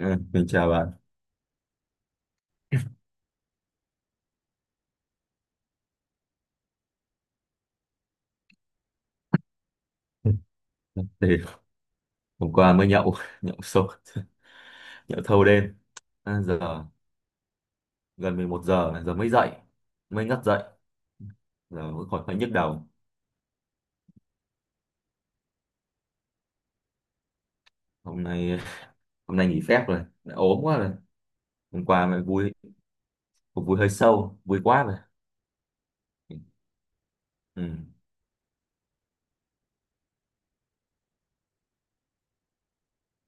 À, mình chào bạn. Thì hôm qua mới nhậu, nhậu sôi, nhậu thâu đêm. À, giờ gần 11 giờ, giờ mới dậy, mới ngất dậy. Giờ vẫn còn hơi nhức đầu. Hôm nay hôm nay nghỉ phép rồi, đã ốm quá rồi. Hôm qua mới vui, cuộc vui hơi sâu, vui quá rồi. Ừ.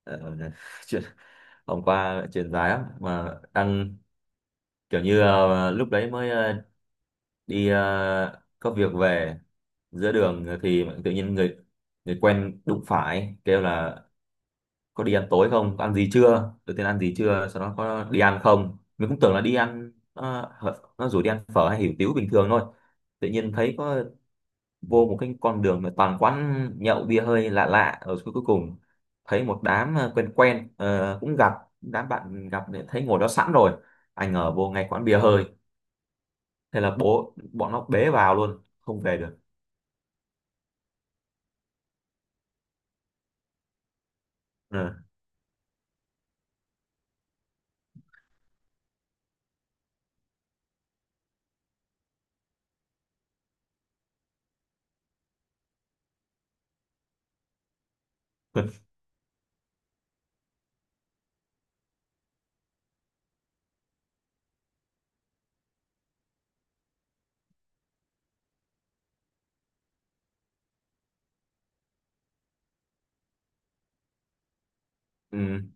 Ờ, chuyện, hôm qua chuyện dài lắm mà đang kiểu như lúc đấy mới đi có việc về giữa đường thì tự nhiên người người quen đụng phải kêu là có đi ăn tối không, có ăn gì chưa, đầu tiên ăn gì chưa, sau đó có đi ăn không. Mình cũng tưởng là đi ăn, nó rủ đi ăn phở hay hủ tiếu bình thường thôi, tự nhiên thấy có vô một cái con đường mà toàn quán nhậu bia hơi lạ lạ ở cuối cuối cùng thấy một đám quen quen cũng gặp đám bạn gặp để thấy ngồi đó sẵn rồi, ai ngờ vô ngay quán bia hơi, thế là bố bọn nó bế vào luôn, không về được. Ờ. Ừ,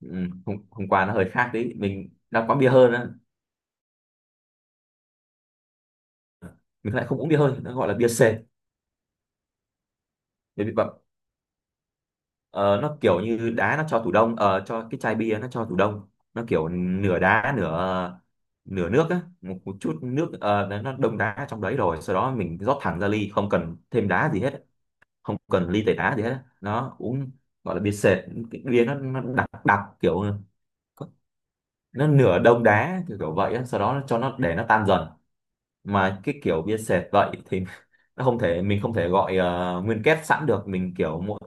ừ, hôm qua nó hơi khác đấy, mình đang quán bia hơi đó. Ờ, mình lại không uống bia hơi, nó gọi là bia sệt để bị bậm. Ờ, nó kiểu như đá nó cho tủ đông, cho cái chai bia nó cho tủ đông. Nó kiểu nửa đá nửa nửa nước á, một chút nước, nó đông đá trong đấy rồi sau đó mình rót thẳng ra ly, không cần thêm đá gì hết, không cần ly tẩy đá gì hết á. Nó uống gọi là bia sệt, cái bia nó đặc đặc kiểu nó nửa đông đá kiểu kiểu vậy á. Sau đó nó cho nó để nó tan dần, mà cái kiểu bia sệt vậy thì nó không thể, mình không thể gọi nguyên kết sẵn được. Mình kiểu mỗi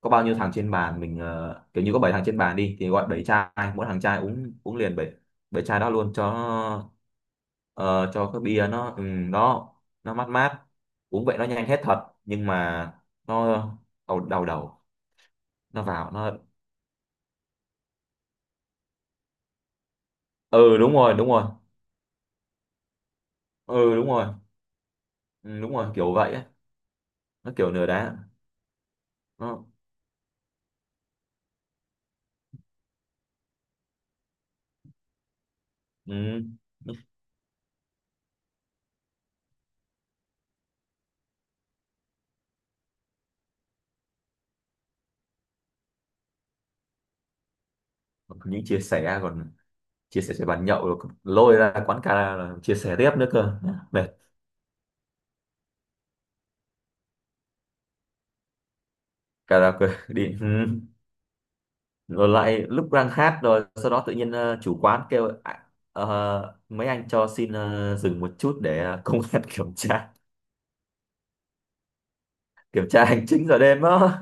có bao nhiêu thằng trên bàn mình kiểu như có bảy thằng trên bàn đi thì gọi 7 chai, mỗi thằng chai, uống uống liền 7 bảy chai đó luôn cho ờ, cho cái bia nó ừ, đó, nó mát mát. Uống vậy nó nhanh hết thật nhưng mà nó đầu đầu đầu nó vào nó. Ừ, đúng rồi, đúng rồi. Ừ, đúng rồi. Ừ, đúng rồi kiểu vậy ấy. Nó kiểu nửa đá nó ừ. Những chia sẻ còn chia sẻ cho bàn nhậu rồi lôi ra quán karaoke là chia sẻ tiếp nữa cơ, mệt. Karaoke đi ừ. Rồi lại lúc đang hát rồi sau đó tự nhiên chủ quán kêu "À, mấy anh cho xin dừng một chút để công an kiểm tra, kiểm tra hành chính giờ đêm đó,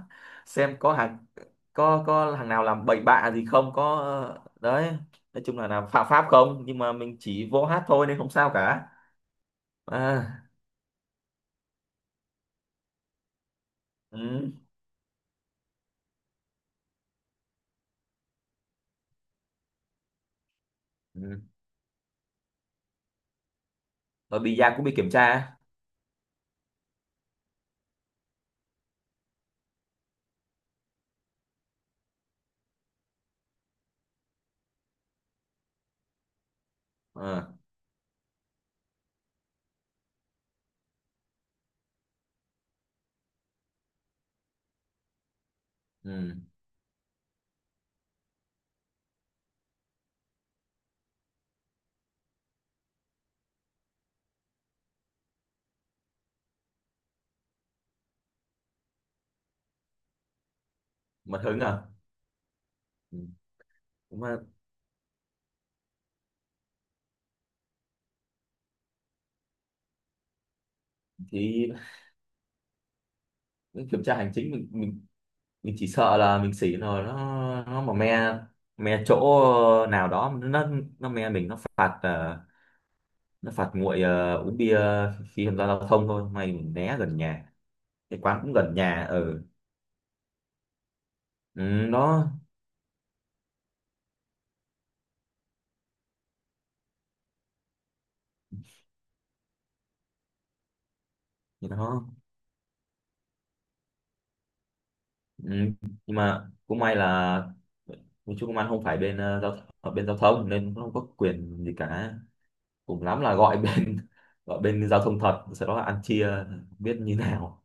xem có hàng, có hàng nào làm bậy bạ gì không, có đấy, nói chung là làm phạm pháp không", nhưng mà mình chỉ vô hát thôi nên không sao cả. À, ừ. Ừ. Rồi bì da cũng bị kiểm tra. Ờ, ừ. Mất hứng à. Ừ. Đúng là thì kiểm tra hành chính mình, mình chỉ sợ là mình xỉ rồi nó mà me, me chỗ nào đó nó me mình, nó phạt nó phạt nguội uống bia khi tham gia giao thông thôi. May mình né gần nhà, cái quán cũng gần nhà ở ừ. Ừ, đó thì đó ừ. Nhưng mà cũng may là mình, chú công an không phải bên ở bên giao thông nên cũng không có quyền gì cả. Cùng lắm là gọi bên gọi bên giao thông thật, sau đó là ăn chia không biết như nào.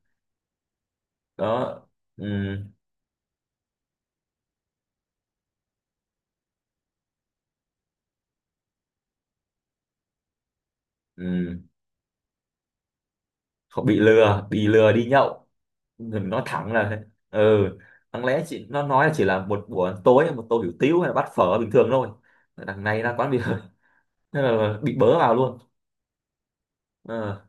Đó ừ, ừ. Không, bị lừa, bị lừa đi nhậu. Đừng nói thẳng là thế. Ừ, đáng lẽ chị nó nói là chỉ là một buổi tối một tô hủ tiếu hay là bát phở bình thường thôi, đằng này ra quán bia, thế là bị bớ vào luôn. Ờ.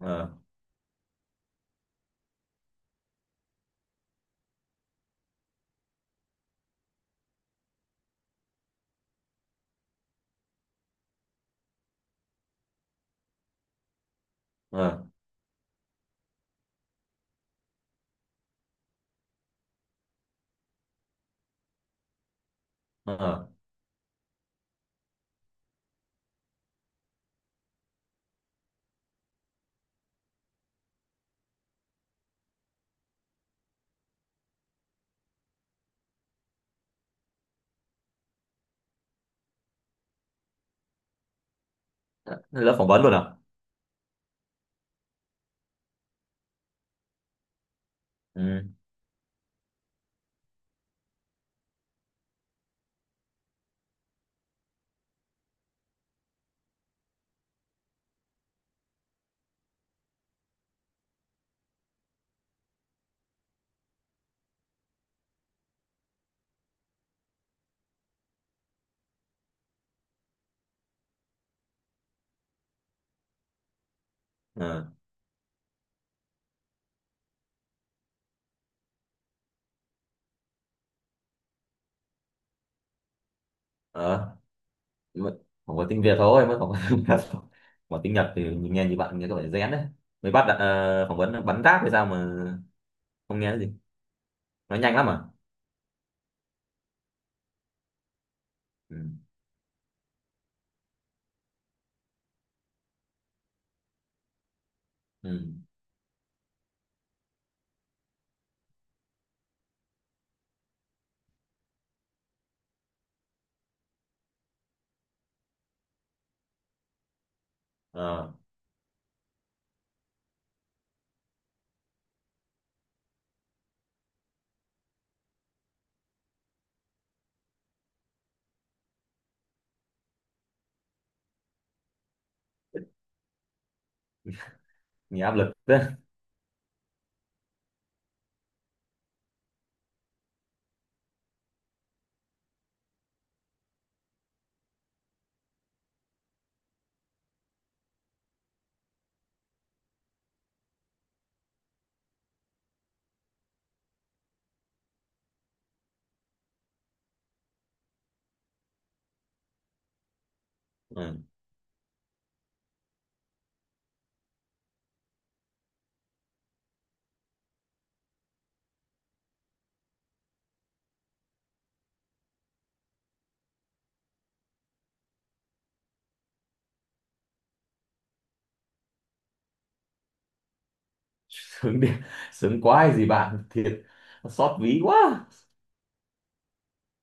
Ờ. Ờ. Ờ. Lớp phỏng vấn luôn à? Ừ. Ờ. Ờ. Nhưng mà không có tiếng Việt thôi mới phỏng vấn, mà tiếng Nhật thì mình nghe như bạn, nghe các bạn rén đấy. Mới bắt đặt, phỏng vấn bắn ráp hay sao mà không nghe cái gì. Nói nhanh lắm à? Ừ. Ừ. Ờ. Nghe áp lực đấy. Ừ. Sướng đi, sướng quá hay gì bạn, thiệt xót ví quá.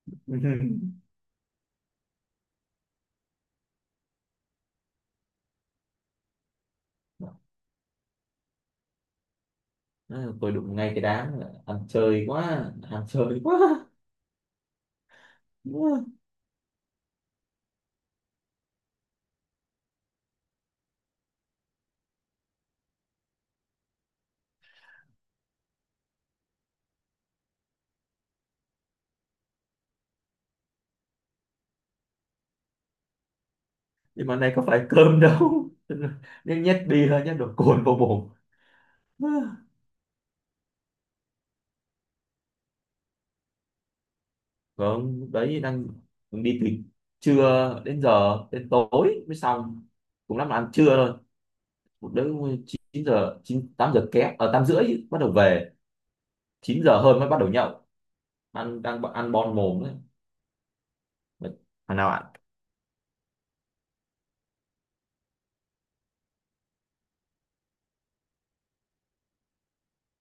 Ừ, tôi đụng ngay cái đám ăn chơi quá, ăn chơi quá. Ừ, nhưng mà này có phải cơm đâu, nhét nhét bia nhét đồ cồn vào mồm. Ừ, vâng đấy, đang đi từ trưa đến giờ đến tối mới xong, cũng lắm là ăn trưa thôi. Một đứa 9 giờ, 9 8 giờ kém ở 8 rưỡi bắt đầu về, chín giờ hơn mới bắt đầu nhậu, ăn đang ăn bon mồm. Thằng nào ạ?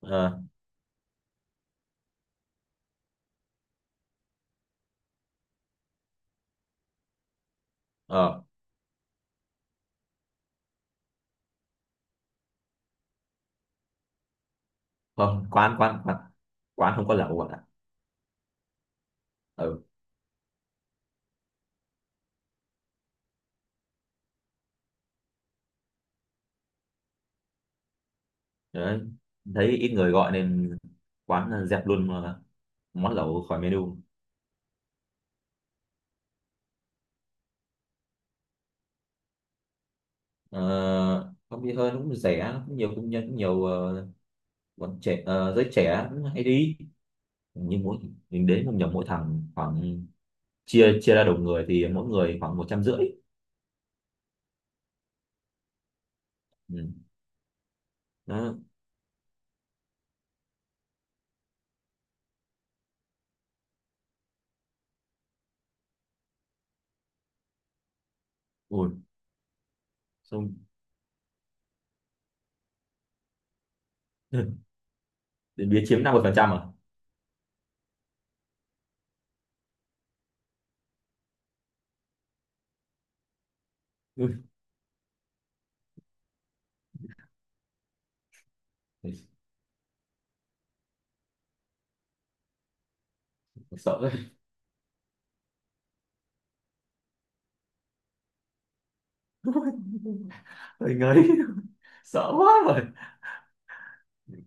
Ờ. Ờ. Không, quán quán quán quán không có lẩu bạn ạ. Ừ, đấy, thấy ít người gọi nên quán dẹp luôn, món lẩu khỏi menu. ờ, Không đi hơn, cũng rẻ cũng nhiều cũng nhân cũng nhiều, bọn trẻ, giới trẻ cũng hay đi. Như mỗi mình đến một nhóm, mỗi thằng khoảng, chia chia ra đầu người thì mỗi người khoảng 150. Ừ. Đó. Ui. Xong đến bia chiếm 50% à? Ui, sợ ơi. Ôi, ngấy, sợ quá rồi.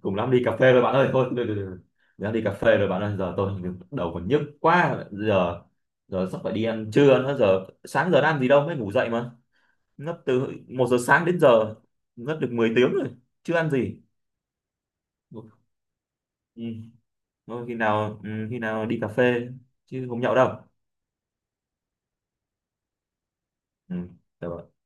Cùng lắm đi cà phê rồi bạn ơi, thôi được, được, được. Đã đi cà phê rồi bạn ơi, giờ tôi đầu còn nhức quá, giờ giờ sắp phải đi ăn trưa nữa, giờ sáng giờ đã ăn gì đâu, mới ngủ dậy mà. Ngất từ 1 giờ sáng đến giờ, ngất được 10 tiếng rồi, chưa ăn gì. Ừ. Thôi khi nào, ừ, khi nào đi cà phê chứ không nhậu đâu. Ừ, được rồi.